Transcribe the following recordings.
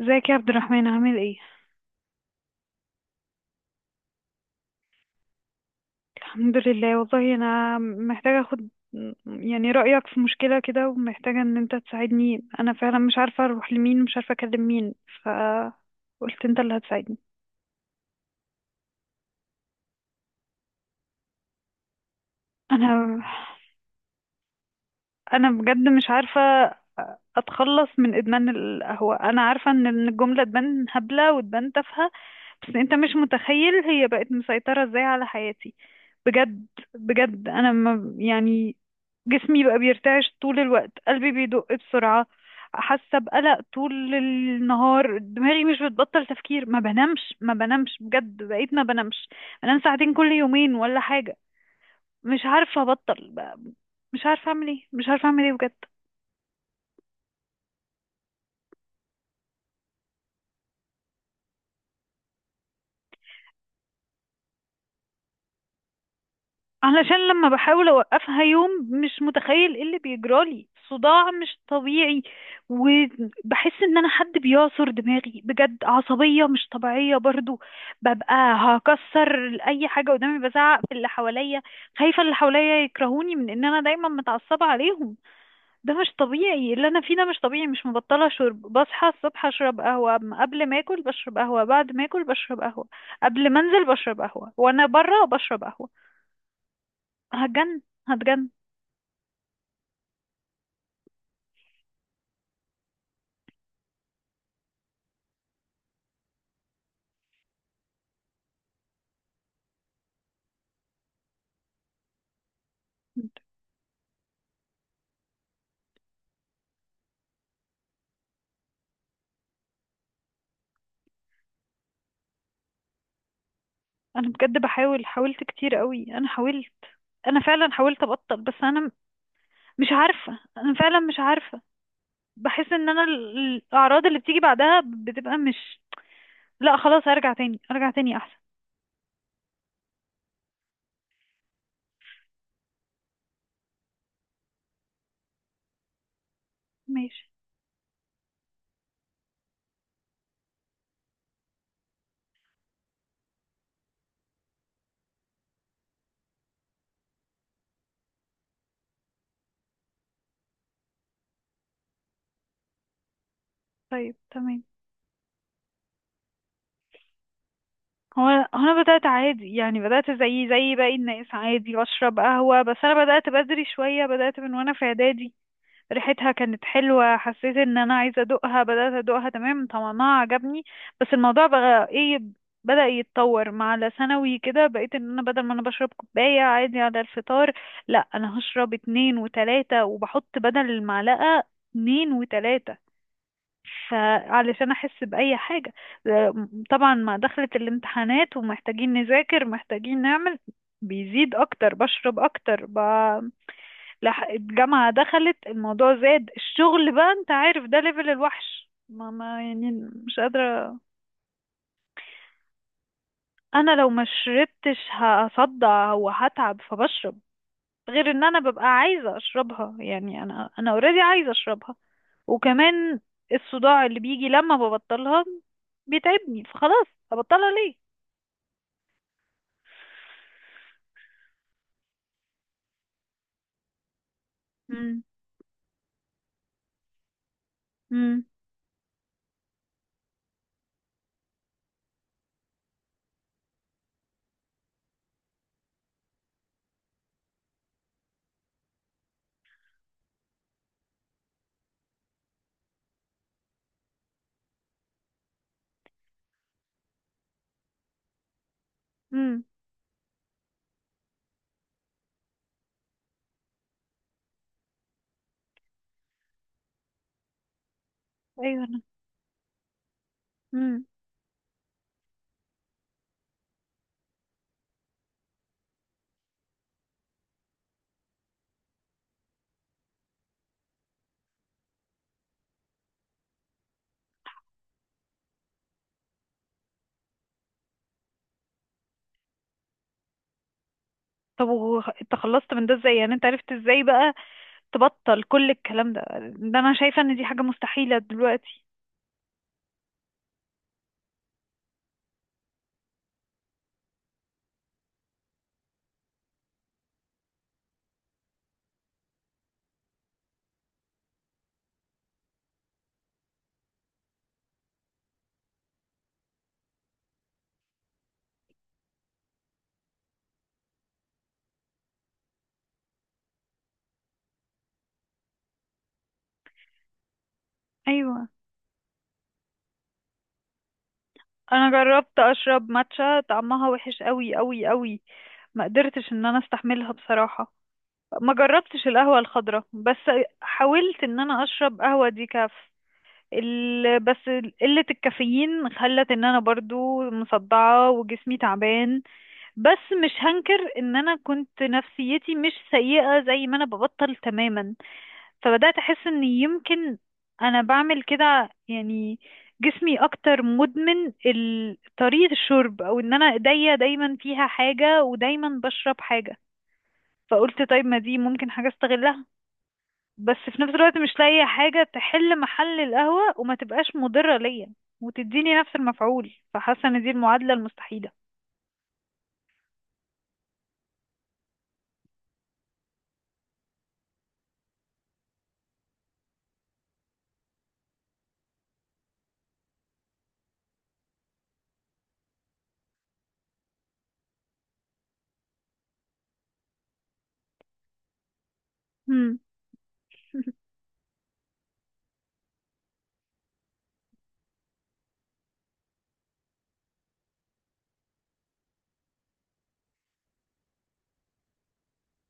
ازيك يا عبد الرحمن، عامل ايه؟ الحمد لله. والله انا محتاجه اخد يعني رايك في مشكله كده، ومحتاجه ان انت تساعدني. انا فعلا مش عارفه اروح لمين ومش عارفه اكلم مين، فقلت انت اللي هتساعدني. انا انا بجد مش عارفه اتخلص من ادمان القهوه. انا عارفه إن الجمله تبان هبله وتبان تافهه، بس انت مش متخيل هي بقت مسيطره ازاي على حياتي، بجد. بجد انا ما يعني، جسمي بقى بيرتعش طول الوقت، قلبي بيدق بسرعة، حاسة بقلق طول النهار، دماغي مش بتبطل تفكير، ما بنامش ما بنامش، بجد بقيت ما بنامش. بنام ساعتين كل يومين ولا حاجة. مش عارفة أبطل بقى. مش عارفة أعمل ايه، مش عارفة أعمل ايه بجد. علشان لما بحاول اوقفها يوم، مش متخيل ايه اللي بيجرالي، صداع مش طبيعي، وبحس ان انا حد بيعصر دماغي، بجد عصبية مش طبيعية برضو، ببقى هكسر اي حاجة قدامي، بزعق في اللي حواليا. خايفة اللي حواليا يكرهوني من ان انا دايما متعصبة عليهم. ده مش طبيعي اللي انا فيه، ده مش طبيعي. مش مبطلة شرب، بصحى الصبح اشرب قهوة، قبل ما اكل بشرب قهوة، بعد ما اكل بشرب قهوة، قبل ما انزل بشرب قهوة، وانا بره بشرب قهوة. هتجن، هتجن. انا بجد بحاول، حاولت كتير قوي، انا حاولت. انا فعلا حاولت ابطل، بس انا مش عارفة، انا فعلا مش عارفة. بحس ان انا الاعراض اللي بتيجي بعدها بتبقى مش، لا خلاص هرجع تاني، ارجع تاني احسن. ماشي. طيب تمام. هو انا بدأت عادي، يعني بدأت زي باقي الناس، عادي بشرب قهوة، بس انا بدأت بدري شوية، بدأت من وانا في اعدادي. ريحتها كانت حلوة، حسيت ان انا عايزة ادوقها، بدأت ادوقها، تمام، طعمها عجبني. بس الموضوع بقى ايه، بدأ يتطور مع على ثانوي كده، بقيت ان انا بدل ما انا بشرب كوباية عادي على الفطار، لا انا هشرب اتنين وتلاتة، وبحط بدل المعلقة اتنين وتلاتة، فعلشان احس بأي حاجة. آه، طبعا مع دخلة الامتحانات ومحتاجين نذاكر محتاجين نعمل، بيزيد اكتر، بشرب اكتر الجامعة دخلت، الموضوع زاد، الشغل بقى انت عارف، ده ليفل الوحش، ما يعني. مش قادرة. انا لو ما شربتش هصدع وهتعب، فبشرب. غير ان انا ببقى عايزة اشربها، يعني انا اوريدي عايزة اشربها. وكمان الصداع اللي بيجي لما ببطلها بيتعبني، فخلاص ابطلها ليه؟ مم. مم. مم. ايوه انا. مم. طب انت خلصت من ده ازاي؟ يعني انت عرفت ازاي بقى تبطل كل الكلام ده؟ ده انا شايفة ان دي حاجة مستحيلة دلوقتي. ايوه، انا جربت اشرب ماتشا، طعمها وحش قوي قوي قوي، ما قدرتش ان انا استحملها بصراحة. ما جربتش القهوة الخضراء، بس حاولت ان انا اشرب قهوة ديكاف بس قلة الكافيين خلت ان انا برضو مصدعة وجسمي تعبان. بس مش هنكر ان انا كنت نفسيتي مش سيئة زي ما انا ببطل تماما. فبدأت أحس إن يمكن أنا بعمل كده، يعني جسمي أكتر مدمن طريقة الشرب، أو إن أنا إيديا دايما فيها حاجة ودايما بشرب حاجة. فقلت طيب، ما دي ممكن حاجة استغلها، بس في نفس الوقت مش لاقية حاجة تحل محل القهوة وما تبقاش مضرة ليا وتديني نفس المفعول. فحاسة إن دي المعادلة المستحيلة. مم.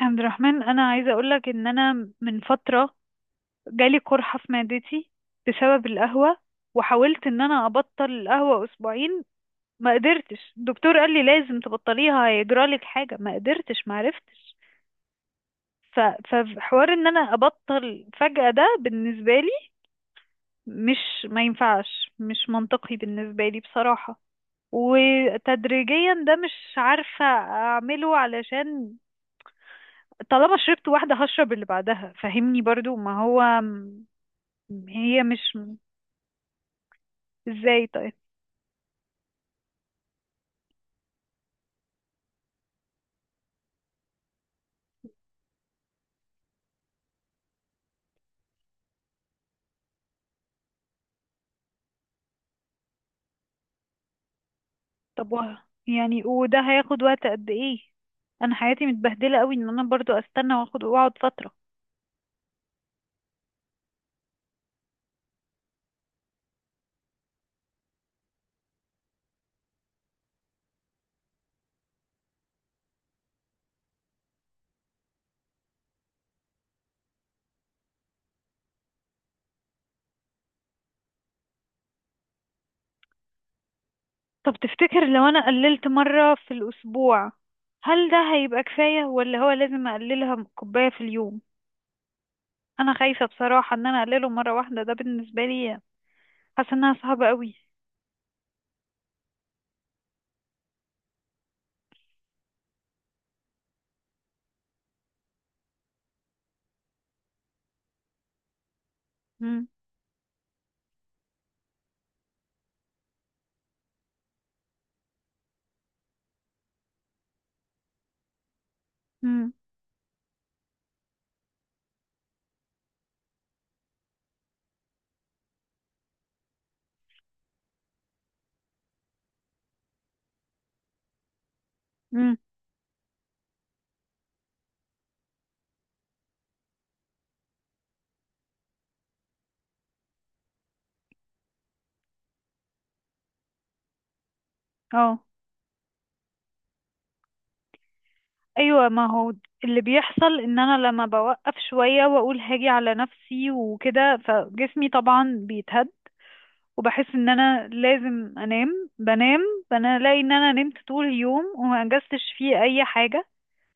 عبد الرحمن، أنا عايزة أقولك إن أنا من فترة جالي قرحة في معدتي بسبب القهوة، وحاولت ان انا ابطل القهوة اسبوعين، ما قدرتش. الدكتور قال لي لازم تبطليها هيجرالك حاجة، ما قدرتش، ما عرفتش. فحوار ان انا ابطل فجأة ده بالنسبة لي مش، ما ينفعش، مش منطقي بالنسبة لي بصراحة. وتدريجيا ده مش عارفة اعمله، علشان طالما شربت واحدة هشرب اللي بعدها، فهمني برضو، ما هو هي مش. ازاي طيب؟ طب يعني وده هياخد وقت قد ايه؟ انا حياتي متبهدله قوي، ان انا برضو استنى واخد واقعد فتره. طب تفتكر لو انا قللت مره في الاسبوع، هل ده هيبقى كفايه، ولا هو لازم اقللها كوبايه في اليوم؟ انا خايفه بصراحه، ان انا اقلله مره واحده ده بالنسبه لي، حاسه انها صعبه قوي. امم. امم. امم. اه. ايوه، ما هو اللي بيحصل ان انا لما بوقف شويه واقول هاجي على نفسي وكده، فجسمي طبعا بيتهد، وبحس ان انا لازم انام، بنام. فانا الاقي ان انا نمت طول اليوم وما انجزتش فيه اي حاجه،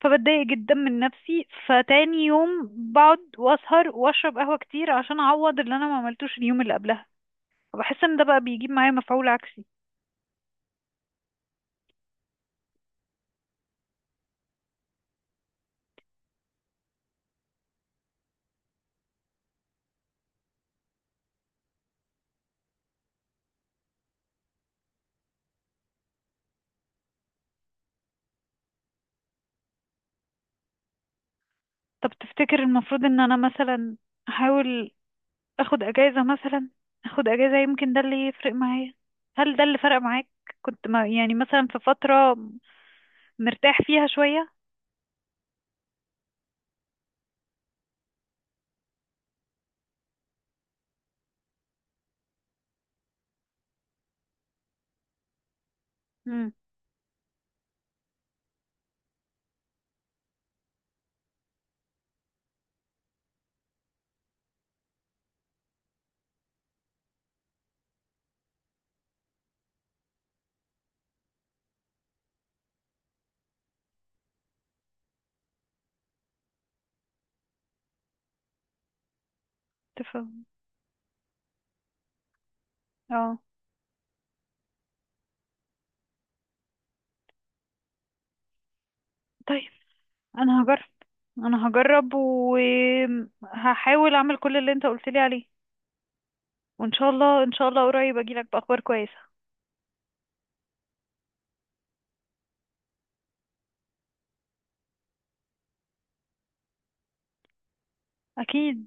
فبتضايق جدا من نفسي. فتاني يوم بقعد واسهر واشرب قهوه كتير عشان اعوض اللي انا ما عملتوش اليوم اللي قبلها، فبحس ان ده بقى بيجيب معايا مفعول عكسي. طب تفتكر المفروض ان انا مثلا احاول اخد اجازه مثلا؟ اخد اجازه يمكن ده اللي يفرق معايا، هل ده اللي فرق معاك؟ كنت ما يعني مثلا في فتره مرتاح فيها شويه. امم. تفهم. اه. طيب، انا هجرب، انا هجرب وهحاول اعمل كل اللي انت قلت لي عليه، وان شاء الله ان شاء الله قريب اجي لك باخبار كويسة. اكيد.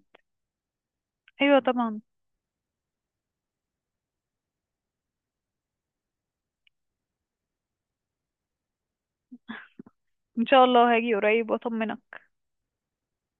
ايوه طبعا. ان شاء الله هاجي قريب واطمنك.